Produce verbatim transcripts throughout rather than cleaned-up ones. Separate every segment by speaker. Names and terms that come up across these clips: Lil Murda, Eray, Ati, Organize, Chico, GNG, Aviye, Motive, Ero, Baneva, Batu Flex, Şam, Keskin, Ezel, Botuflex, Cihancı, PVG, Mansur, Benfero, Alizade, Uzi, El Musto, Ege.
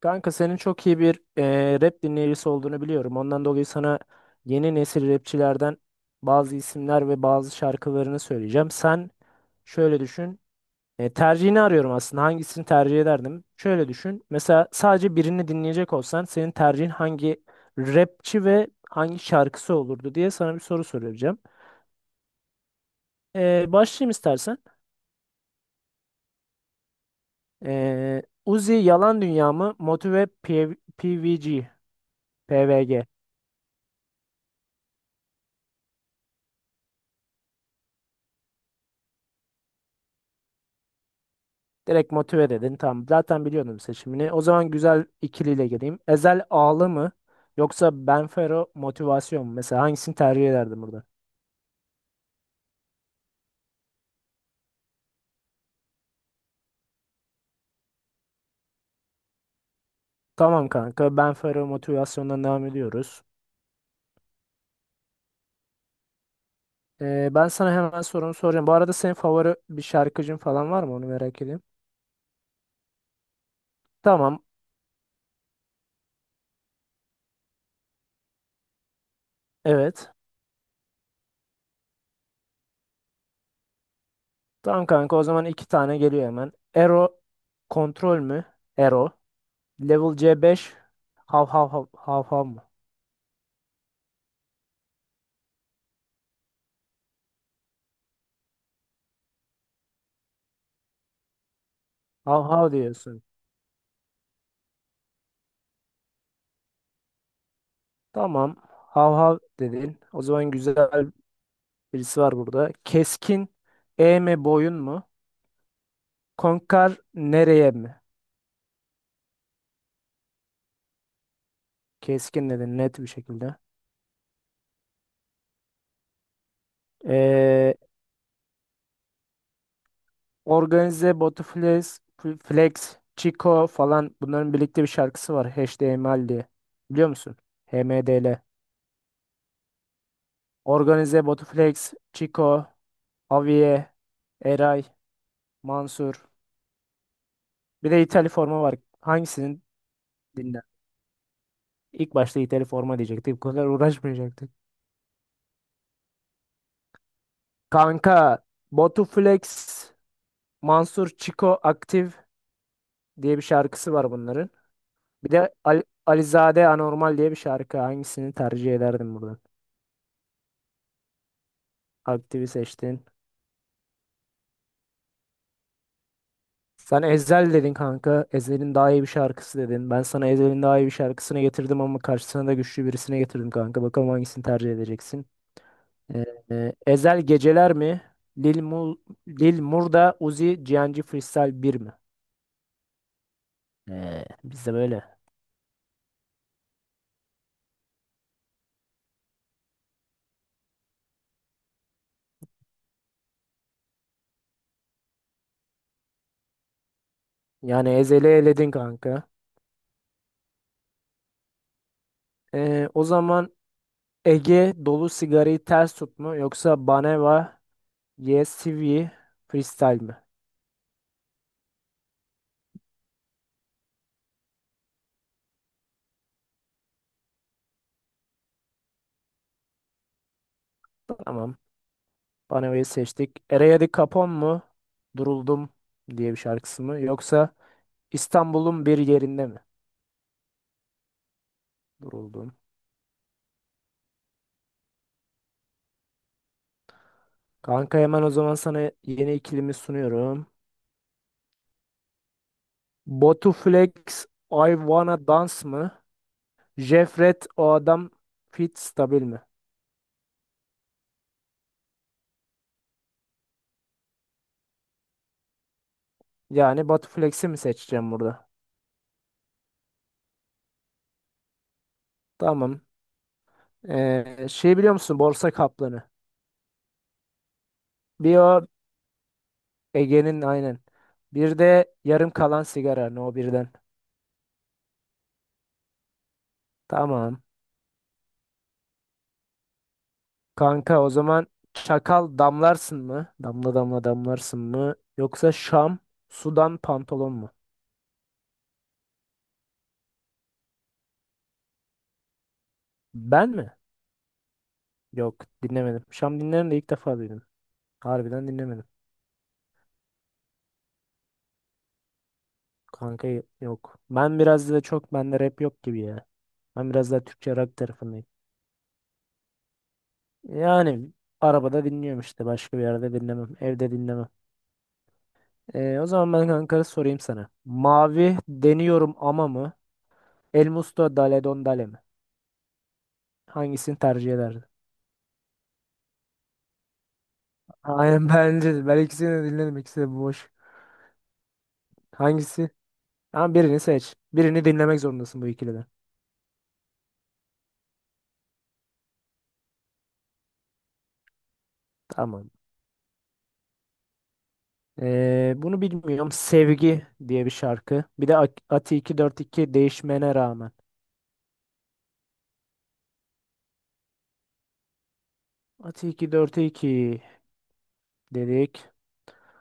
Speaker 1: Kanka senin çok iyi bir eee, rap dinleyicisi olduğunu biliyorum. Ondan dolayı sana yeni nesil rapçilerden bazı isimler ve bazı şarkılarını söyleyeceğim. Sen şöyle düşün. E, tercihini arıyorum aslında. Hangisini tercih ederdim? Şöyle düşün. Mesela sadece birini dinleyecek olsan senin tercihin hangi rapçi ve hangi şarkısı olurdu diye sana bir soru soracağım. E, başlayayım istersen. E, Uzi Yalan Dünya mı? Motive P- PVG. P V G. Direkt motive dedin. Tamam. Zaten biliyordum seçimini. O zaman güzel ikiliyle geleyim. Ezel Ağlı mı? Yoksa Benfero Motivasyon mu? Mesela hangisini tercih ederdin burada? Tamam kanka. Benfero Motivasyon'dan devam ediyoruz. Ee, ben sana hemen sorumu soracağım. Bu arada senin favori bir şarkıcın falan var mı? Onu merak edeyim. Tamam. Evet. Tamam kanka. O zaman iki tane geliyor hemen. Ero Kontrol mü? Ero. Level c beş Hav hav hav hav hav mı? Hav hav diyorsun. Tamam. Hav hav dedin. O zaman güzel birisi var burada. Keskin E mi boyun mu? Konkar nereye mi? Keskin dedin net bir şekilde. Ee, organize, Botuflex, F- Flex, Chico falan bunların birlikte bir şarkısı var. H D H T M L diye. Biliyor musun? H M D L. Organize, Botuflex, Chico, Aviye, Eray, Mansur. Bir de İtali forma var. Hangisini dinler? İlk başta İtali forma diyecektik. Bu kadar uğraşmayacaktık. Kanka Batu Flex, Mansur Çiko Aktif diye bir şarkısı var bunların. Bir de Ali, Alizade Anormal diye bir şarkı. Hangisini tercih ederdin buradan? Aktif'i seçtin. Sen Ezel dedin kanka. Ezel'in daha iyi bir şarkısı dedin. Ben sana Ezel'in daha iyi bir şarkısını getirdim ama karşısına da güçlü birisine getirdim kanka. Bakalım hangisini tercih edeceksin. Ee, e, Ezel Geceler mi? Lil, Mul, Lil Murda Uzi Cihancı Freestyle bir mi? Ee, biz de böyle. Yani Ezel'i eledin kanka. Ee, o zaman Ege dolu sigarayı ters tut mu yoksa Baneva Yes Sivri Freestyle mi? Tamam. Baneva'yı seçtik. Eraya Di Capone mu? Duruldum diye bir şarkısı mı? Yoksa İstanbul'un bir yerinde mi? Duruldum. Kanka hemen o zaman sana yeni ikilimi sunuyorum. Batu Flex I Wanna Dance mı? Jefret o adam fit stabil mi? Yani Batu Flex'i mi seçeceğim burada? Tamam. Ee, şey biliyor musun? Borsa kaplanı. Bir o Ege'nin aynen. Bir de yarım kalan sigara. No birden. Tamam. Kanka o zaman çakal damlarsın mı? Damla damla damlarsın mı? Yoksa Şam sudan pantolon mu? Ben mi? Yok dinlemedim. Şam dinlerim de ilk defa duydum. Harbiden dinlemedim. Kanka y- yok. Ben biraz da çok bende rap yok gibi ya. Ben biraz daha Türkçe rock tarafındayım. Yani arabada dinliyorum işte. Başka bir yerde dinlemem. Evde dinlemem. Ee, o zaman ben kanka sorayım sana. Mavi deniyorum ama mı? El Musto Dale Don Dale mi? Hangisini tercih ederdin? Aynen bence de. Ben ikisini de dinledim. İkisi de boş. Hangisi? Ama birini seç. Birini dinlemek zorundasın bu ikiliden. Tamam. Ee, bunu bilmiyorum. Sevgi diye bir şarkı. Bir de Ak- Ati iki yüz kırk iki değişmene rağmen. Ati iki yüz kırk iki dedik.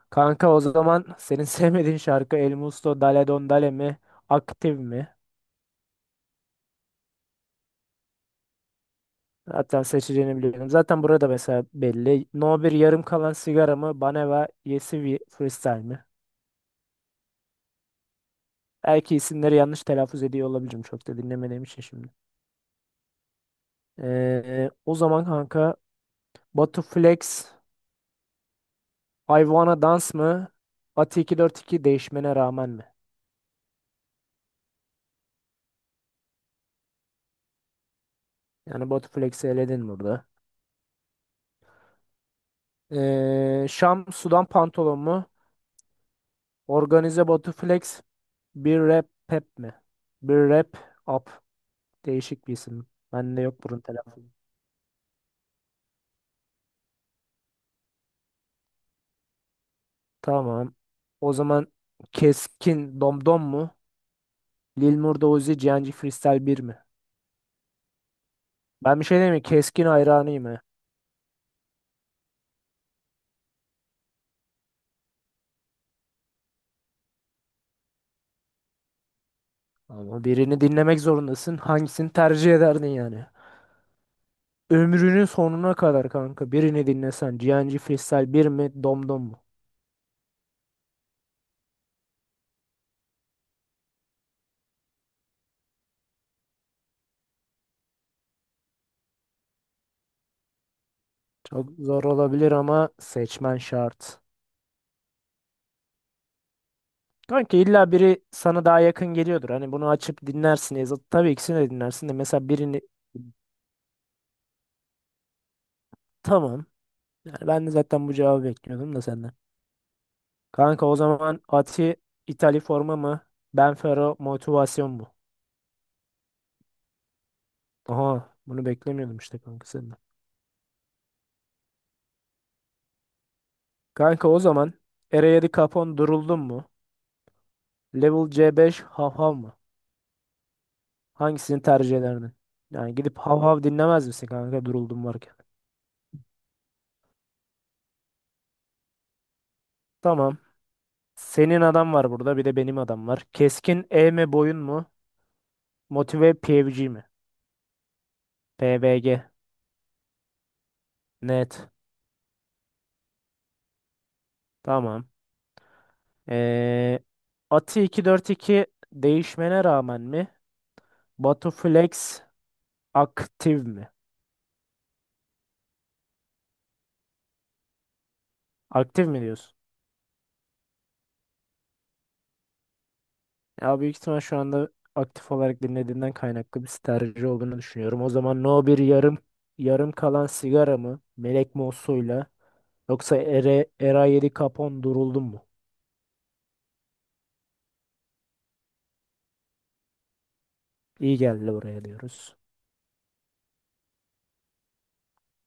Speaker 1: Kanka o zaman senin sevmediğin şarkı El Musto Dale Don Dale mi? Aktif mi? Hatta seçeceğini biliyordum. Zaten burada mesela belli. No bir yarım kalan sigara mı? Baneva Yesivi Freestyle mi? Belki isimleri yanlış telaffuz ediyor olabilirim. Çok da dinlemediğim için şimdi. Ee, o zaman kanka Batu Flex Hayvana Dans mı? Ati iki yüz kırk iki değişmene rağmen mi? Yani Batu Flex'i eledin burada. Ee, Şam Sudan Pantolon mu? Organize Batu Flex bir rap pep mi? Bir rap up. Değişik bir isim. Bende yok bunun telaffuz. Tamam. O zaman Keskin Domdom mu? Lil Murda Uzi Cihancı Freestyle bir mi? Ben bir şey diyeyim mi? Keskin hayranıyım he. Ama birini dinlemek zorundasın. Hangisini tercih ederdin yani? Ömrünün sonuna kadar kanka birini dinlesen Cihancı Freestyle bir mi Domdom mu? Çok zor olabilir ama seçmen şart. Kanka illa biri sana daha yakın geliyordur. Hani bunu açıp dinlersin. E, zat- Tabii ikisini de dinlersin de mesela birini tamam. Yani ben de zaten bu cevabı bekliyordum da senden. Kanka o zaman Ati İtalya forma mı? Benfero motivasyon mu? Aha bunu beklemiyordum işte kanka senden. Kanka o zaman Eredivisie Capon duruldun mu? Level C beş Hav Hav mı? Hangisini tercih ederdin? Yani gidip Hav Hav dinlemez misin kanka duruldum varken? Tamam. Senin adam var burada bir de benim adam var. Keskin E mi boyun mu? Motive P V G mi? P V G. Net. Tamam. Ee, Ati iki yüz kırk iki değişmene rağmen mi? Batuflex aktif mi? Aktif mi diyorsun? Ya büyük ihtimal şu anda aktif olarak dinlediğinden kaynaklı bir tercih olduğunu düşünüyorum. O zaman no bir yarım yarım kalan sigara mı? Melek Mosso'yla yoksa Ere, Era yedi Capone duruldum mu? İyi geldi oraya diyoruz.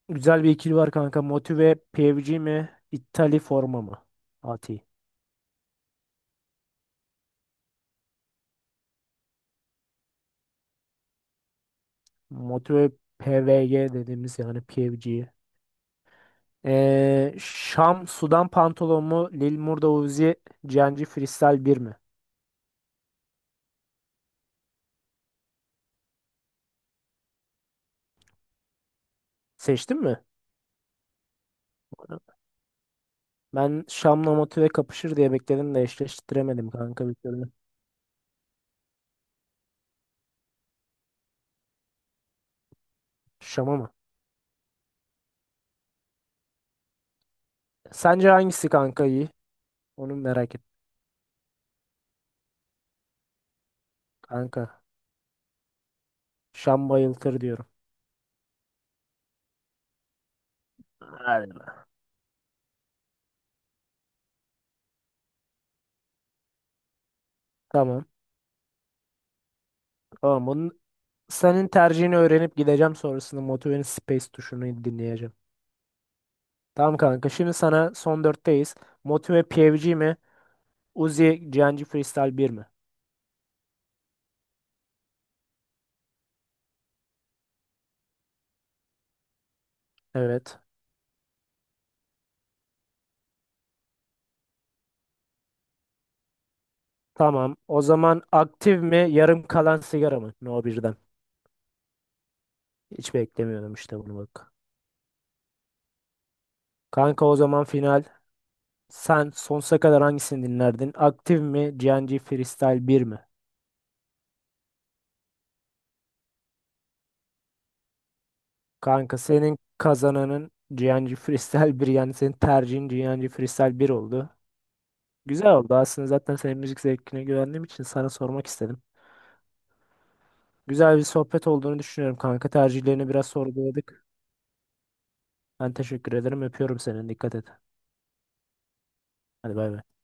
Speaker 1: Güzel bir ikili var kanka. Motive P V G mi? İttali forma mı? Ati. Motive P V G dediğimiz yani P V G. Ee, Şam, Sudan pantolon mu? Lil Murda Uzi, Cenci Freestyle bir mi? Seçtin mi? Ben Şam'la motive kapışır diye bekledim de eşleştiremedim kanka bir türlü. Şam'a mı? Sence hangisi kanka iyi? Onu merak et kanka. Şam bayıltır diyorum. Hadi be. Tamam. Tamam. Bunun, senin tercihini öğrenip gideceğim sonrasında Motive'nin Space tuşunu dinleyeceğim. Tamam kanka. Şimdi sana son dörtteyiz. Motive P V G mi? Uzi, Cenci Freestyle bir mi? Evet. Tamam. O zaman aktif mi, yarım kalan sigara mı? No birden. Hiç beklemiyordum işte bunu bak. Kanka o zaman final. Sen sonsuza kadar hangisini dinlerdin? Aktif mi, G N G Freestyle bir mi? Kanka senin kazananın G N G Freestyle bir yani senin tercihin G N G Freestyle bir oldu. Güzel oldu aslında zaten senin müzik zevkine güvendiğim için sana sormak istedim. Güzel bir sohbet olduğunu düşünüyorum kanka. Tercihlerini biraz sorguladık. Ben teşekkür ederim. Öpüyorum seni. Dikkat et. Hadi bay bay.